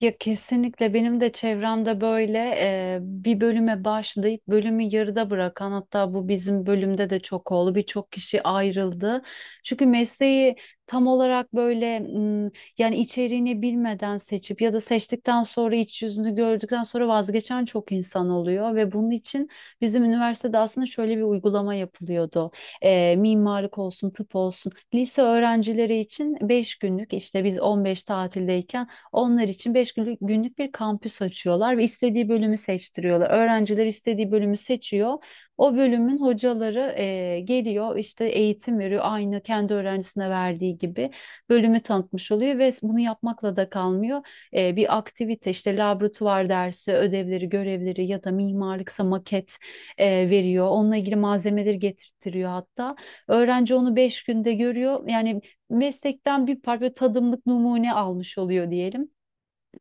Ya kesinlikle benim de çevremde böyle bir bölüme başlayıp bölümü yarıda bırakan hatta bu bizim bölümde de çok oldu. Birçok kişi ayrıldı. Çünkü mesleği tam olarak böyle yani içeriğini bilmeden seçip ya da seçtikten sonra iç yüzünü gördükten sonra vazgeçen çok insan oluyor ve bunun için bizim üniversitede aslında şöyle bir uygulama yapılıyordu. Mimarlık olsun, tıp olsun. Lise öğrencileri için 5 günlük işte biz 15 tatildeyken onlar için günlük bir kampüs açıyorlar ve istediği bölümü seçtiriyorlar. Öğrenciler istediği bölümü seçiyor. O bölümün hocaları geliyor işte eğitim veriyor aynı kendi öğrencisine verdiği gibi bölümü tanıtmış oluyor ve bunu yapmakla da kalmıyor. Bir aktivite işte laboratuvar dersi, ödevleri, görevleri ya da mimarlıksa maket veriyor. Onunla ilgili malzemeleri getirtiyor hatta. Öğrenci onu 5 günde görüyor. Yani meslekten bir parça tadımlık numune almış oluyor diyelim.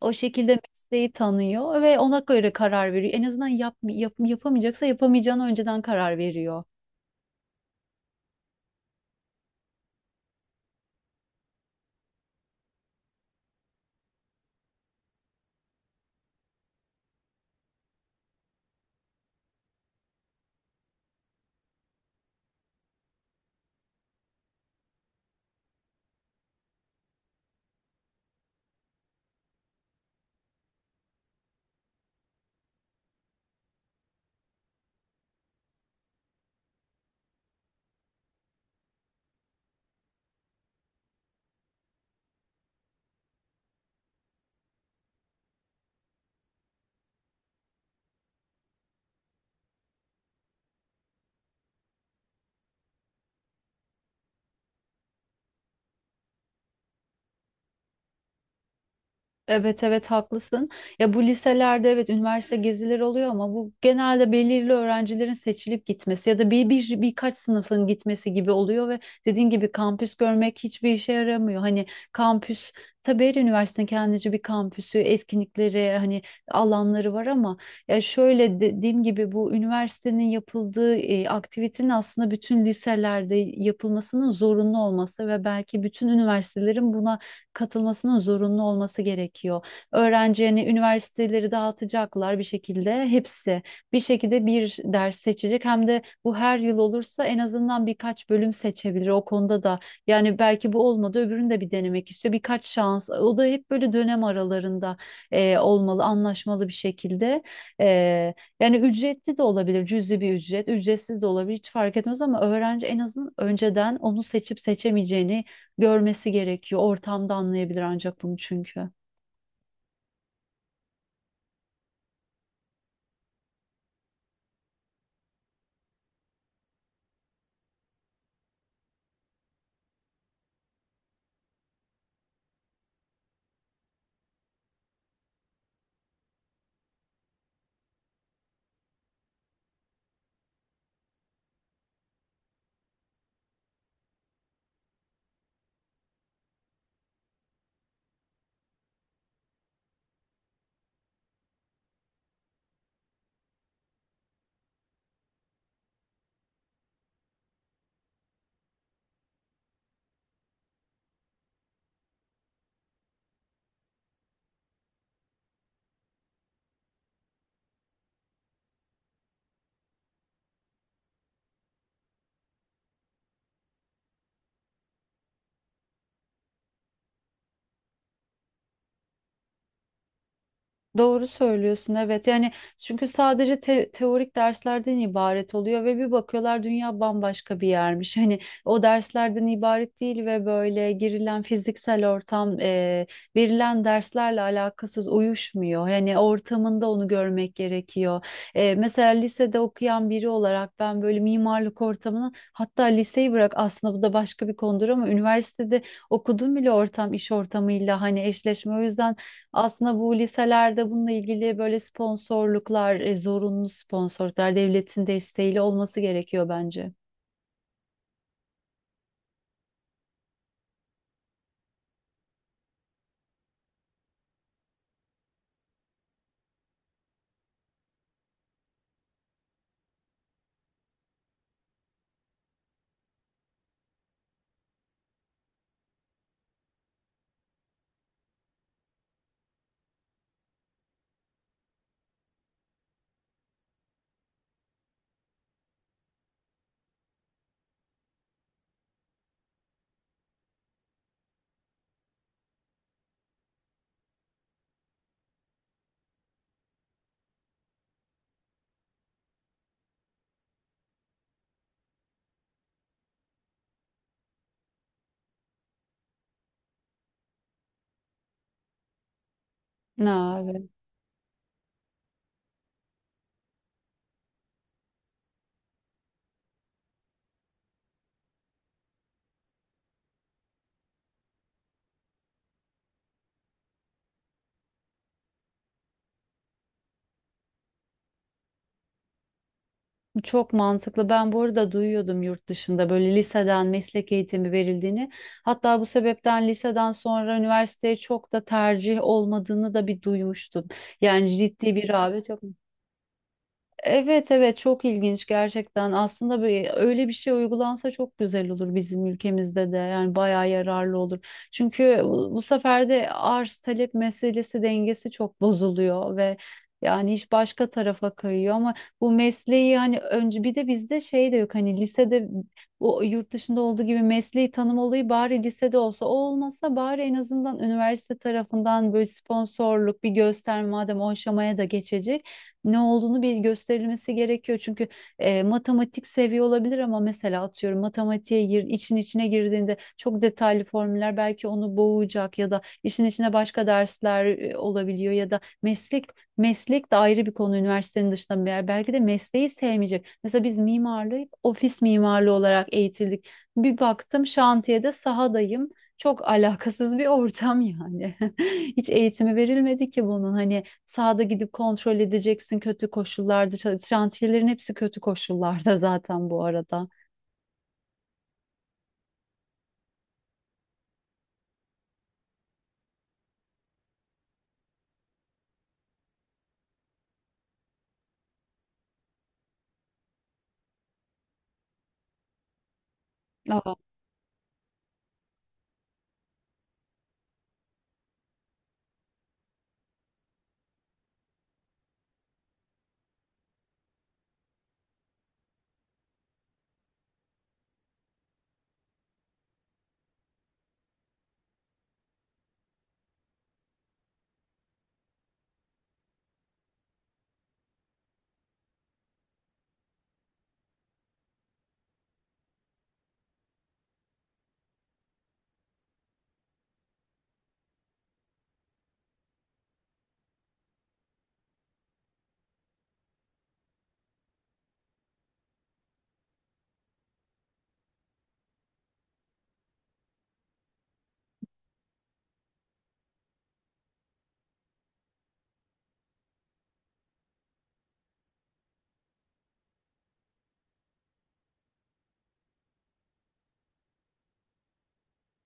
O şekilde mesleği tanıyor ve ona göre karar veriyor. En azından yapamayacaksa yapamayacağını önceden karar veriyor. Evet evet haklısın. Ya bu liselerde evet üniversite gezileri oluyor ama bu genelde belirli öğrencilerin seçilip gitmesi ya da birkaç sınıfın gitmesi gibi oluyor ve dediğin gibi kampüs görmek hiçbir işe yaramıyor. Hani kampüs, tabii her üniversitenin kendince bir kampüsü, etkinlikleri, hani alanları var ama ya şöyle dediğim gibi bu üniversitenin yapıldığı aktivitenin aslında bütün liselerde yapılmasının zorunlu olması ve belki bütün üniversitelerin buna katılmasının zorunlu olması gerekiyor. Öğrencilerini üniversiteleri dağıtacaklar bir şekilde hepsi bir şekilde bir ders seçecek hem de bu her yıl olursa en azından birkaç bölüm seçebilir o konuda da yani belki bu olmadı öbürünü de bir denemek istiyor birkaç şans o da hep böyle dönem aralarında olmalı anlaşmalı bir şekilde. E, Yani ücretli de olabilir cüzi bir ücret, ücretsiz de olabilir hiç fark etmez ama öğrenci en azından önceden onu seçip seçemeyeceğini görmesi gerekiyor. Ortamda anlayabilir ancak bunu çünkü. Doğru söylüyorsun, evet yani çünkü sadece teorik derslerden ibaret oluyor ve bir bakıyorlar dünya bambaşka bir yermiş. Hani o derslerden ibaret değil ve böyle girilen fiziksel ortam verilen derslerle alakasız, uyuşmuyor. Yani ortamında onu görmek gerekiyor. Mesela lisede okuyan biri olarak ben böyle mimarlık ortamını, hatta liseyi bırak, aslında bu da başka bir konudur ama üniversitede okudum bile, ortam iş ortamıyla hani eşleşme, o yüzden aslında bu liselerde bununla ilgili böyle sponsorluklar, zorunlu sponsorluklar devletin desteğiyle olması gerekiyor bence. Ha, evet. Bu çok mantıklı. Ben bu arada duyuyordum yurt dışında böyle liseden meslek eğitimi verildiğini. Hatta bu sebepten liseden sonra üniversiteye çok da tercih olmadığını da bir duymuştum. Yani ciddi bir rağbet yok. Evet evet, çok ilginç gerçekten. Aslında böyle, öyle bir şey uygulansa çok güzel olur bizim ülkemizde de. Yani bayağı yararlı olur. Çünkü bu sefer de arz talep meselesi dengesi çok bozuluyor ve yani iş başka tarafa kayıyor ama bu mesleği hani önce, bir de bizde şey de yok hani lisede bu yurt dışında olduğu gibi mesleği tanım olayı, bari lisede olsa, o olmasa bari en azından üniversite tarafından böyle sponsorluk bir göster, madem o aşamaya da geçecek, ne olduğunu bir gösterilmesi gerekiyor. Çünkü matematik seviye olabilir ama mesela atıyorum için içine girdiğinde çok detaylı formüller belki onu boğacak ya da işin içine başka dersler olabiliyor ya da meslek de ayrı bir konu, üniversitenin dışında bir yer. Belki de mesleği sevmeyecek. Mesela biz mimarlığı ofis mimarlığı olarak eğitildik. Bir baktım şantiyede sahadayım. Çok alakasız bir ortam yani. Hiç eğitimi verilmedi ki bunun. Hani sahada gidip kontrol edeceksin kötü koşullarda. Şantiyelerin hepsi kötü koşullarda zaten bu arada. Aa.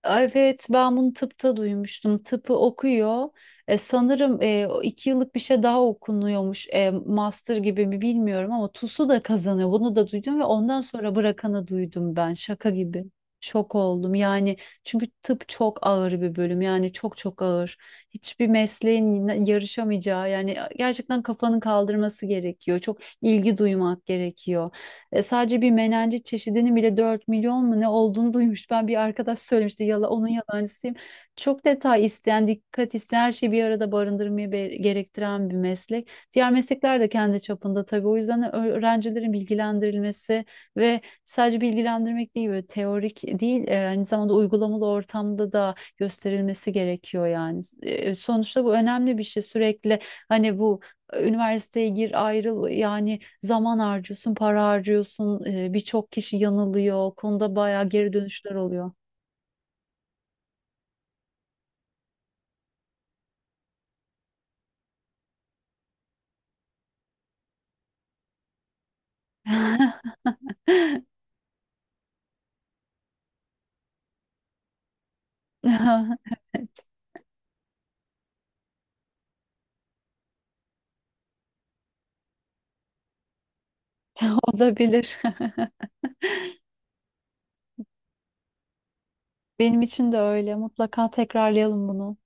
Evet, ben bunu tıpta duymuştum. Tıpı okuyor. Sanırım o 2 yıllık bir şey daha okunuyormuş. Master gibi mi, bilmiyorum ama TUS'u da kazanıyor. Bunu da duydum ve ondan sonra bırakanı duydum ben. Şaka gibi. Şok oldum. Yani çünkü tıp çok ağır bir bölüm. Yani çok çok ağır. Hiçbir mesleğin yarışamayacağı, yani gerçekten kafanın kaldırması gerekiyor. Çok ilgi duymak gerekiyor. Sadece bir menenci çeşidinin bile 4 milyon mu ne olduğunu duymuş. Ben, bir arkadaş söylemişti. Yala, onun yalancısıyım. Çok detay isteyen, dikkat isteyen, her şeyi bir arada barındırmayı gerektiren bir meslek. Diğer meslekler de kendi çapında tabii. O yüzden öğrencilerin bilgilendirilmesi ve sadece bilgilendirmek değil, böyle teorik değil, aynı zamanda uygulamalı ortamda da gösterilmesi gerekiyor yani. Sonuçta bu önemli bir şey. Sürekli hani bu üniversiteye gir, ayrıl, yani zaman harcıyorsun, para harcıyorsun. Birçok kişi yanılıyor. O konuda bayağı geri dönüşler oluyor. Olabilir. Benim için de öyle. Mutlaka tekrarlayalım bunu.